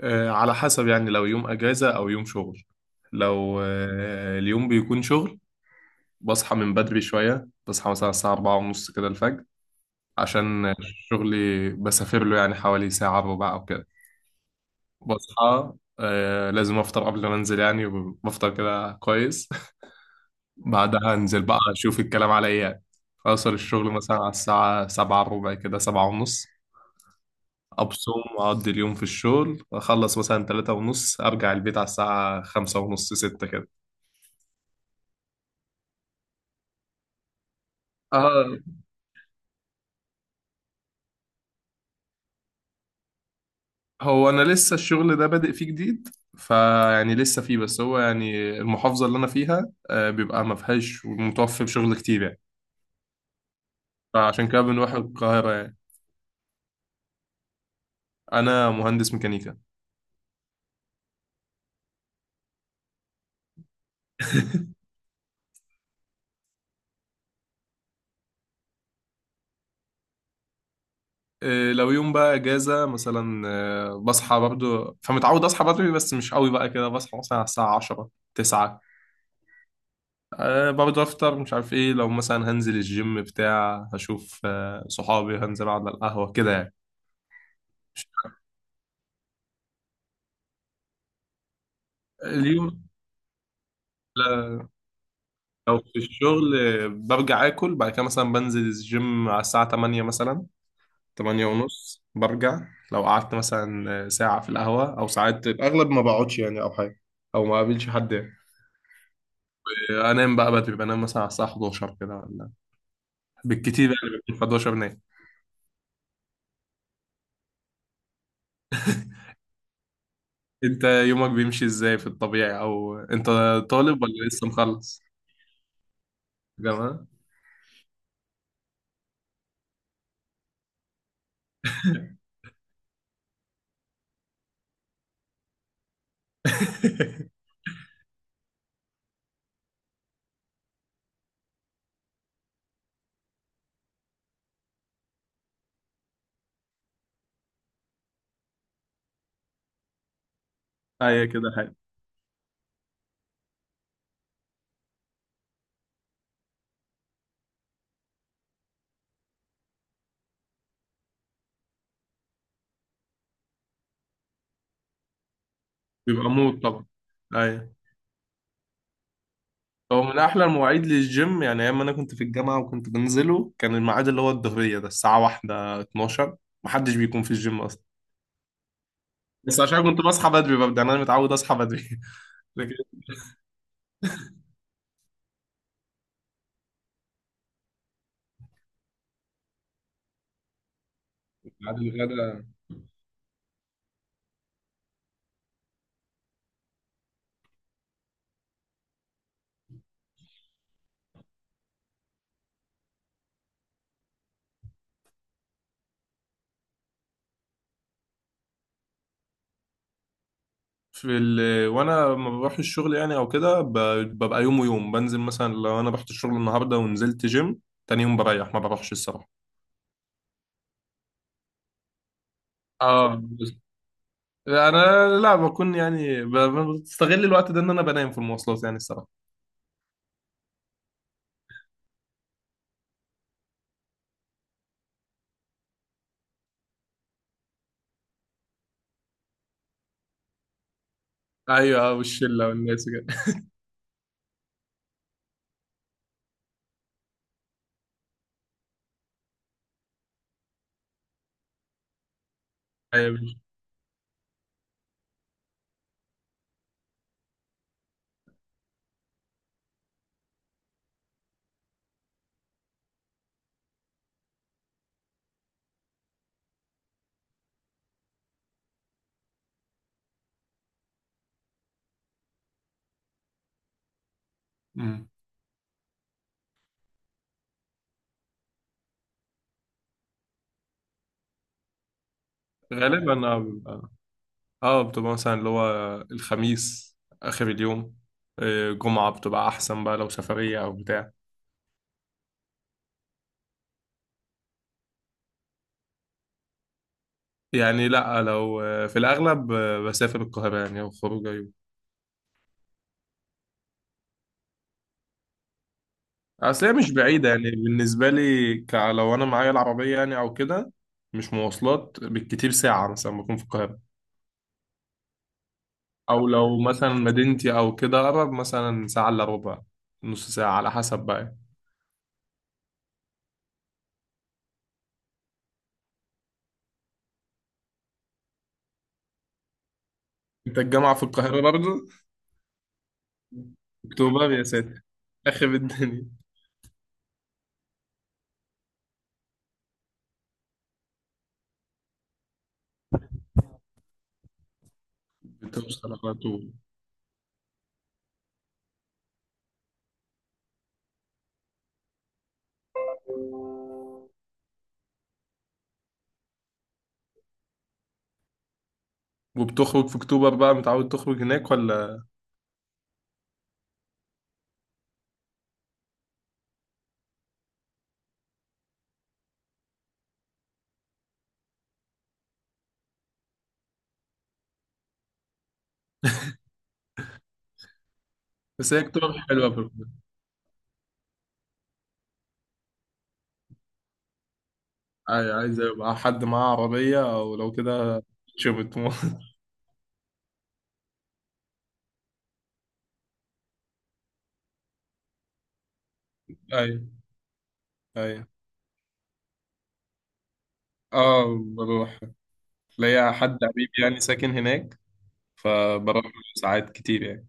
على حسب يعني لو يوم اجازة او يوم شغل. لو اليوم بيكون شغل. بصحى من بدري شوية، بصحى مثلا الساعة أربعة ونص كده الفجر، عشان شغلي بسافر له يعني حوالي ساعة إلا ربع أو كده. بصحى آه لازم أفطر قبل ما أنزل يعني، وبفطر كده كويس. بعدها أنزل بقى أشوف الكلام على إيه يعني. أوصل الشغل مثلا على الساعة سبعة إلا ربع كده، سبعة ونص، أبصم وأقضي اليوم في الشغل. أخلص مثلا تلاتة ونص، أرجع البيت على الساعة خمسة ونص ستة كده. اه، هو انا لسه الشغل ده بادئ فيه جديد، فيعني لسه فيه. بس هو يعني المحافظة اللي انا فيها بيبقى ما فيهاش متوفر شغل كتير يعني. فعشان كده بنروح القاهرة يعني. انا مهندس ميكانيكا. لو يوم بقى اجازة مثلا، بصحى برضو، فمتعود اصحى بدري بس مش قوي بقى كده. بصحى مثلا على الساعة 10 9. أه برضه افطر مش عارف ايه. لو مثلا هنزل الجيم بتاع، هشوف صحابي، هنزل اقعد على القهوة كده يعني. اليوم لا، لو في الشغل برجع اكل، بعد كده مثلا بنزل الجيم على الساعة 8 مثلا، 8 ونص برجع. لو قعدت مثلا ساعة في القهوة، او ساعات الاغلب ما بقعدش يعني، او حاجة او ما قابلش حد يعني. انام بقى بدري، بنام مثلا على الساعة 11 كده ولا بالكتير يعني بكون 11 نايم. انت يومك بيمشي ازاي في الطبيعي، او انت طالب ولا لسه مخلص جامعة؟ ايوه كده حاجة. بيبقى موت طبعا. ايوه، هو من احلى المواعيد للجيم. يعني ايام ما انا كنت في الجامعه وكنت بنزله، كان الميعاد اللي هو الظهريه ده، الساعه 1 12، محدش بيكون في الجيم اصلا. بس عشان كنت بصحى بدري ببدا، يعني انا متعود اصحى بدري. لكن بعد الغدا وانا لما بروح الشغل يعني او كده ببقى يوم ويوم. بنزل مثلا لو انا رحت الشغل النهارده ونزلت جيم، تاني يوم بريح ما بروحش الصراحه. اه بس- انا لا بكون يعني بستغل الوقت ده ان انا بنام في المواصلات يعني الصراحه. ايوه والشله والناس كده. ايوه غالبا اه بتبقى مثلا اللي هو الخميس آخر اليوم، جمعة بتبقى أحسن بقى لو سفرية أو بتاع. يعني لأ، لو في الأغلب، بسافر القاهرة يعني أو خروجة يوم. أصل هي مش بعيدة يعني بالنسبة لي. لو أنا معايا العربية يعني أو كده، مش مواصلات، بالكتير ساعة مثلا بكون في القاهرة. أو لو مثلا مدينتي أو كده أقرب، مثلا ساعة إلا ربع، نص ساعة على حسب بقى يعني. أنت الجامعة في القاهرة برضه؟ أكتوبر يا ساتر، آخر الدنيا. بتوصل على طول. وبتخرج في اكتوبر بقى، متعود تخرج هناك ولا؟ بس هي اكتوبر حلوه، في اكتوبر اي عايز يبقى حد معاه عربيه او لو كده. شبت مو. اي اي. اه بروح، ليا حد حبيبي يعني ساكن هناك، فبروح ساعات كتير يعني.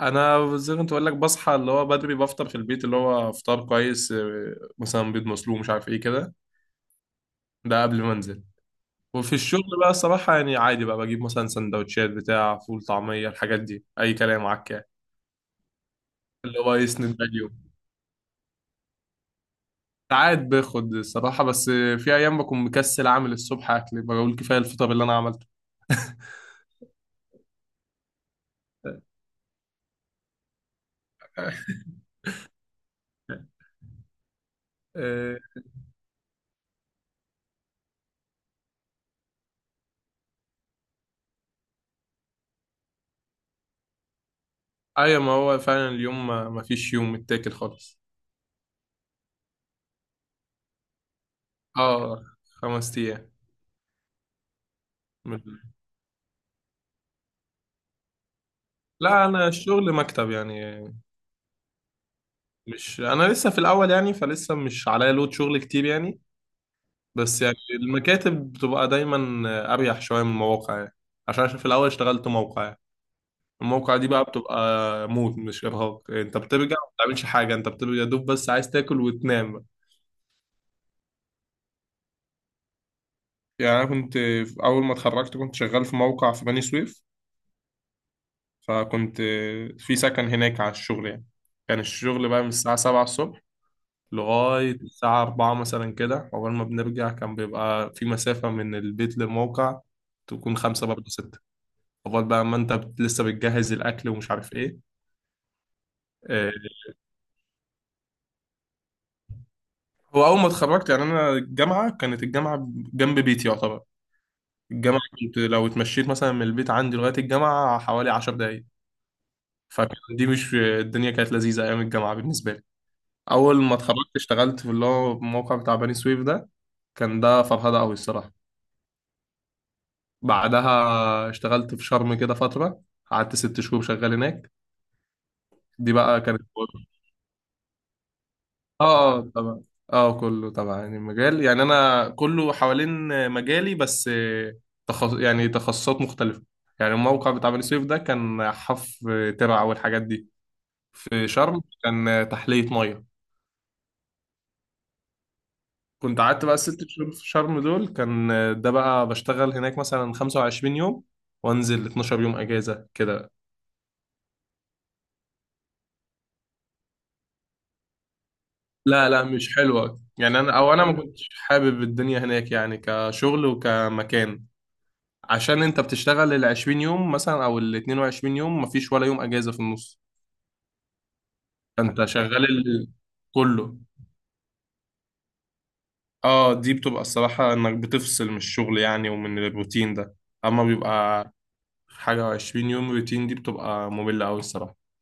انا زي ما كنت بقول لك، بصحى اللي هو بدري، بفطر في البيت اللي هو فطار كويس، مثلا بيض مسلوق مش عارف ايه كده، ده قبل ما انزل. وفي الشغل بقى الصراحة يعني عادي بقى، بجيب مثلا سندوتشات بتاع فول طعمية الحاجات دي، أي كلام عكا اللي هو يسند بقى اليوم. ساعات باخد الصراحة، بس في أيام بكون مكسل أعمل الصبح أكل، بقول كفاية الفطار اللي أنا عملته. آه، أيوة، ما هو فعلا اليوم ما فيش يوم متاكل خالص. اه، خمس أيام. من- لا أنا الشغل مكتب يعني. مش أنا لسه في الأول يعني، فلسه مش عليا لود شغل كتير يعني. بس يعني المكاتب بتبقى دايما اريح شويه من المواقع يعني، عشان أنا في الاول اشتغلت موقع يعني. الموقع دي بقى بتبقى موت، مش ارهاق. انت بترجع ما بتعملش حاجه، انت بتبقى يا دوب بس عايز تاكل وتنام بقى. يعني انا اول ما اتخرجت كنت شغال في موقع في بني سويف، فكنت في سكن هناك على الشغل يعني. كان الشغل بقى من الساعه 7 الصبح لغايه الساعه 4 مثلا كده. اول ما بنرجع كان بيبقى في مسافه من البيت للموقع تكون خمسة برضه ستة، لغايه بقى ما انت لسه بتجهز الاكل ومش عارف ايه. آه، هو اول ما اتخرجت يعني، انا الجامعه كانت جنب بيتي يعتبر. الجامعه كنت لو اتمشيت مثلا من البيت عندي لغايه الجامعه حوالي 10 دقائق. فكان دي مش، الدنيا كانت لذيذه ايام الجامعه بالنسبه لي. اول ما اتخرجت اشتغلت في اللي هو الموقع بتاع بني سويف ده، كان ده فرهده قوي الصراحه. بعدها اشتغلت في شرم كده فتره، قعدت 6 شهور شغال هناك. دي بقى كانت اه اه طبعا. اه كله طبعا يعني المجال، يعني انا كله حوالين مجالي، بس يعني تخصصات مختلفه. يعني الموقع بتاع بني سويف ده كان حف ترع والحاجات دي، في شرم كان تحليه ميه. كنت قعدت بقى ال 6 شهور في شرم دول، كان ده بقى بشتغل هناك مثلا 25 يوم وانزل 12 يوم اجازه كده. لا لا مش حلوه يعني، انا او انا ما كنتش حابب الدنيا هناك يعني كشغل وكمكان. عشان انت بتشتغل ال 20 يوم مثلا او ال 22 يوم مفيش ولا يوم اجازة في النص. فانت شغال كله. اه دي بتبقى الصراحة انك بتفصل من الشغل يعني ومن الروتين ده. اما بيبقى حاجة 20 يوم روتين، دي بتبقى مملة اوي الصراحة.